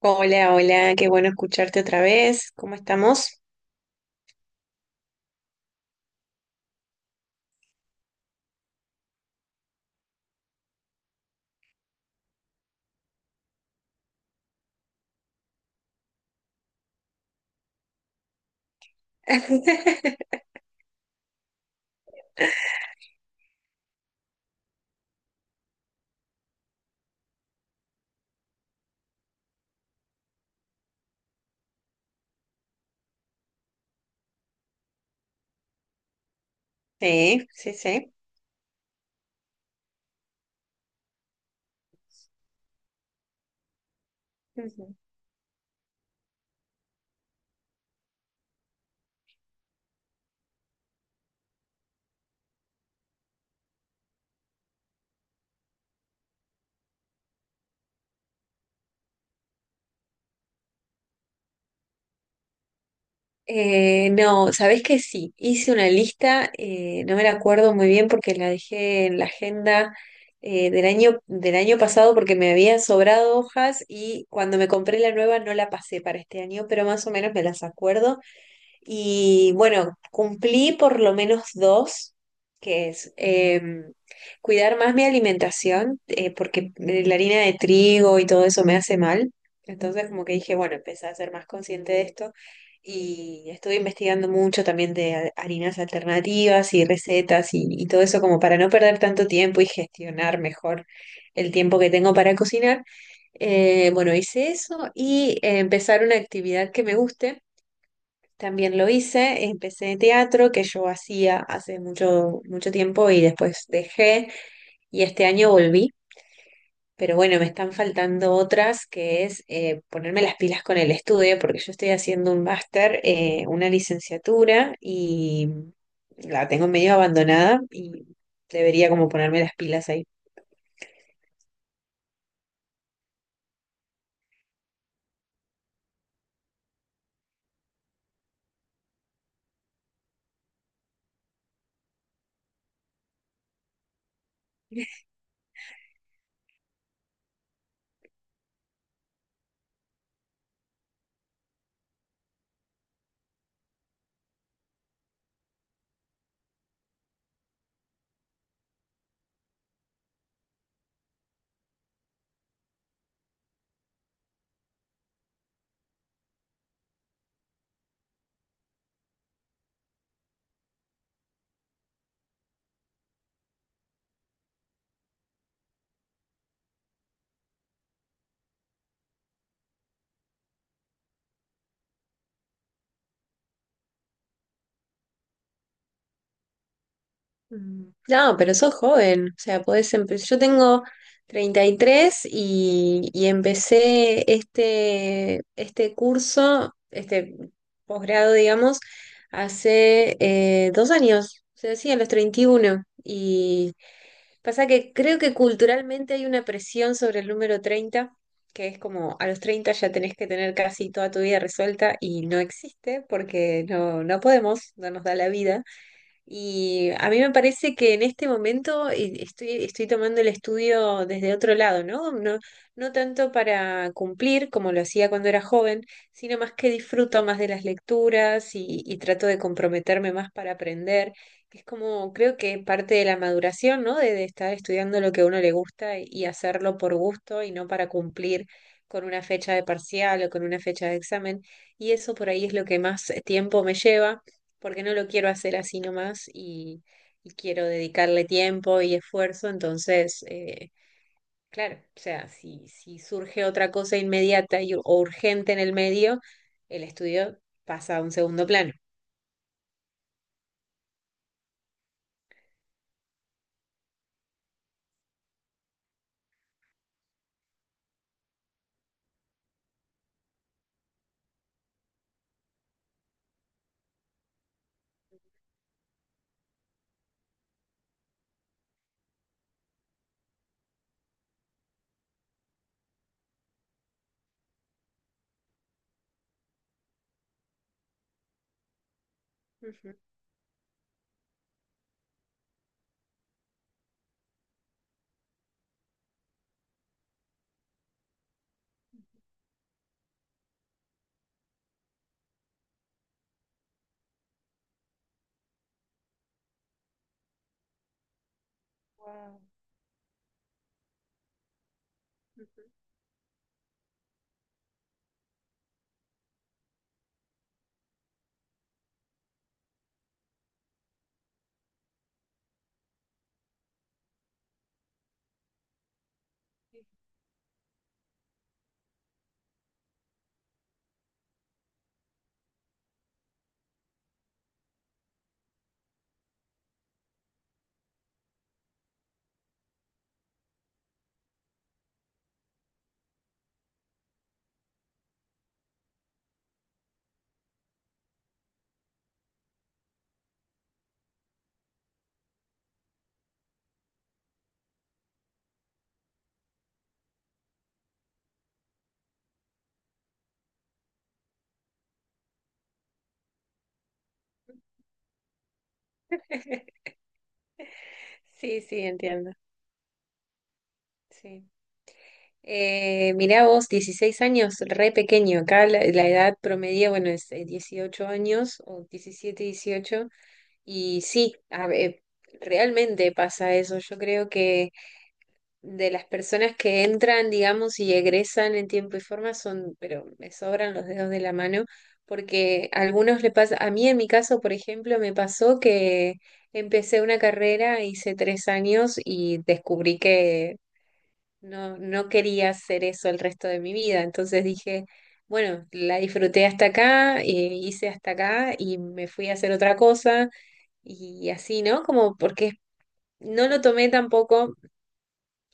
Hola, hola, qué bueno escucharte otra vez. ¿Cómo estamos? Sí, sí, sí. Ujú. No, sabés que sí, hice una lista. No me la acuerdo muy bien porque la dejé en la agenda del año pasado porque me habían sobrado hojas y cuando me compré la nueva no la pasé para este año, pero más o menos me las acuerdo. Y bueno, cumplí por lo menos dos, que es cuidar más mi alimentación, porque la harina de trigo y todo eso me hace mal. Entonces como que dije, bueno, empecé a ser más consciente de esto y estuve investigando mucho también de harinas alternativas y recetas y todo eso como para no perder tanto tiempo y gestionar mejor el tiempo que tengo para cocinar. Bueno, hice eso y empezar una actividad que me guste también lo hice, empecé teatro que yo hacía hace mucho, mucho tiempo y después dejé, y este año volví. Pero bueno, me están faltando otras, que es ponerme las pilas con el estudio, porque yo estoy haciendo un máster, una licenciatura, y la tengo medio abandonada y debería como ponerme las pilas ahí. Mm. No, pero sos joven, o sea, podés empezar. Yo tengo 33 y empecé este curso, este posgrado, digamos, hace 2 años. O sea, sí, a los 31. Y pasa que creo que culturalmente hay una presión sobre el número 30, que es como, a los 30 ya tenés que tener casi toda tu vida resuelta, y no existe porque no, no podemos, no nos da la vida. Y a mí me parece que en este momento estoy tomando el estudio desde otro lado, ¿no? No, no tanto para cumplir como lo hacía cuando era joven, sino más, que disfruto más de las lecturas y trato de comprometerme más para aprender. Es como, creo que parte de la maduración, ¿no? De estar estudiando lo que a uno le gusta y hacerlo por gusto y no para cumplir con una fecha de parcial o con una fecha de examen. Y eso por ahí es lo que más tiempo me lleva, porque no lo quiero hacer así nomás, y quiero dedicarle tiempo y esfuerzo. Entonces, claro, o sea, si surge otra cosa inmediata y, o urgente en el medio, el estudio pasa a un segundo plano. Ujú. Wow. Sí, sí, entiendo. Sí. Mirá vos, 16 años, re pequeño. Acá la edad promedio, bueno, es 18 años o 17, 18 Y sí, realmente pasa eso. Yo creo que de las personas que entran, digamos, y egresan en tiempo y forma son, pero me sobran los dedos de la mano, porque a algunos le pasa. A mí en mi caso, por ejemplo, me pasó que empecé una carrera, hice 3 años y descubrí que no, no quería hacer eso el resto de mi vida. Entonces dije, bueno, la disfruté hasta acá, hice hasta acá y me fui a hacer otra cosa. Y así, ¿no? Como porque es, no lo tomé tampoco,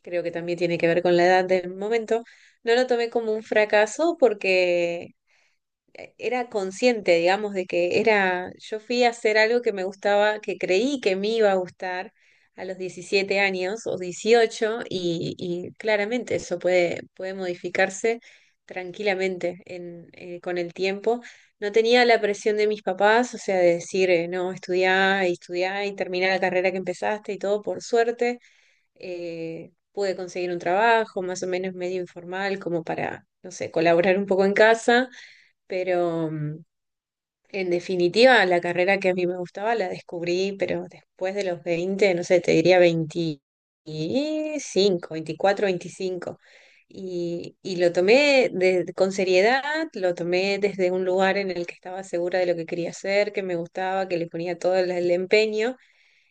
creo que también tiene que ver con la edad del momento, no lo tomé como un fracaso, porque era consciente, digamos, de que era, yo fui a hacer algo que me gustaba, que creí que me iba a gustar a los 17 años o 18, y claramente eso puede modificarse tranquilamente con el tiempo. No tenía la presión de mis papás, o sea, de decir, no, estudiá y estudiá y terminá la carrera que empezaste y todo. Por suerte pude conseguir un trabajo más o menos medio informal como para, no sé, colaborar un poco en casa, pero en definitiva la carrera que a mí me gustaba la descubrí, pero después de los 20, no sé, te diría 25, 24, 25 Y lo tomé con seriedad, lo tomé desde un lugar en el que estaba segura de lo que quería hacer, que me gustaba, que le ponía todo el empeño.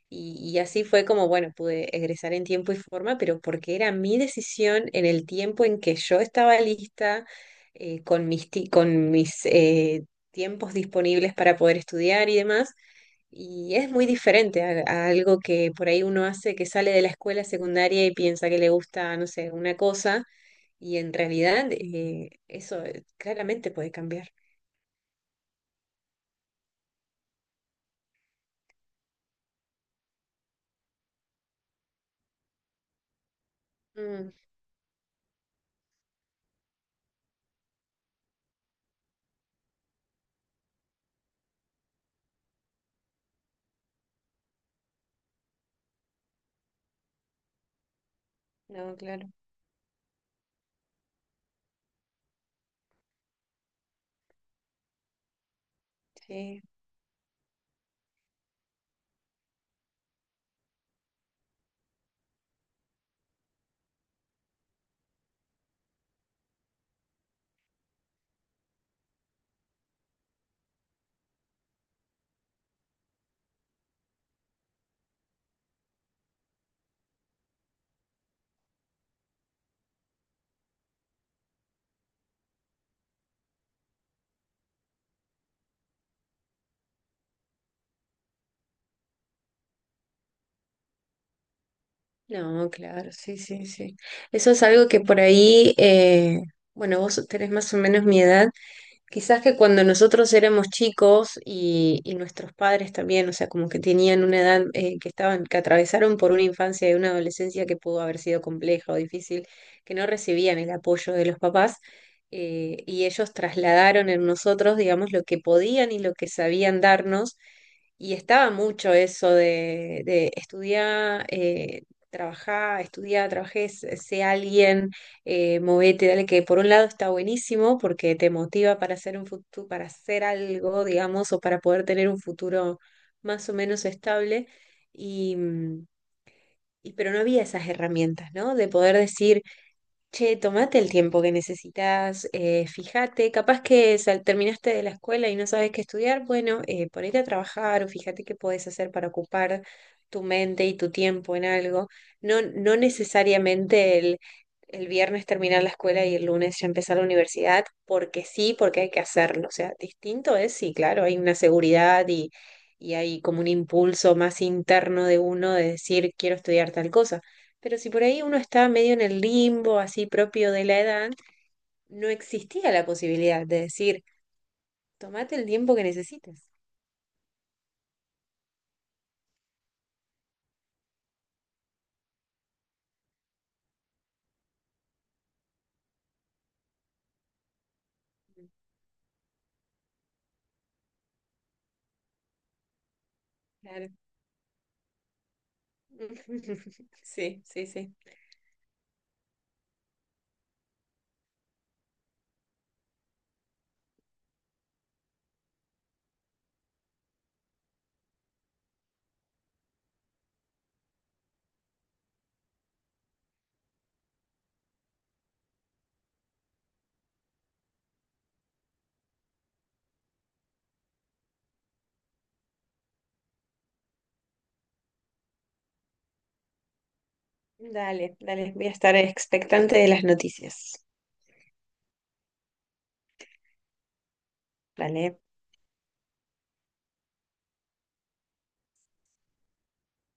Y así fue como, bueno, pude egresar en tiempo y forma, pero porque era mi decisión, en el tiempo en que yo estaba lista, con mis tiempos disponibles para poder estudiar y demás. Y es muy diferente a algo que por ahí uno hace que sale de la escuela secundaria y piensa que le gusta, no sé, una cosa, y en realidad eso claramente puede cambiar. Mm, no, claro, sí. No, claro, sí, sí, sí. Eso es algo que por ahí, bueno, vos tenés más o menos mi edad. Quizás que cuando nosotros éramos chicos, y nuestros padres también, o sea, como que tenían una edad que atravesaron por una infancia y una adolescencia que pudo haber sido compleja o difícil, que no recibían el apoyo de los papás, y ellos trasladaron en nosotros, digamos, lo que podían y lo que sabían darnos. Y estaba mucho eso de estudiar, trabajar, estudiar, trabajé, sé alguien, movete, dale, que por un lado está buenísimo porque te motiva para hacer un futuro, para hacer algo, digamos, o para poder tener un futuro más o menos estable. Y, mm, pero no había esas herramientas, ¿no? De poder decir: che, tomate el tiempo que necesitas, fíjate, capaz que terminaste de la escuela y no sabes qué estudiar, bueno, ponete a trabajar, o fíjate qué podés hacer para ocupar tu mente y tu tiempo en algo. No, no necesariamente el viernes terminar la escuela y el lunes ya empezar la universidad, porque sí, porque hay que hacerlo. O sea, distinto es, sí, claro, hay una seguridad, y hay como un impulso más interno de uno de decir, quiero estudiar tal cosa. Pero si por ahí uno estaba medio en el limbo, así propio de la edad, no existía la posibilidad de decir: tomate el tiempo que necesites. Claro. Sí, sí, sí. Dale, dale, voy a estar expectante de las noticias. Dale.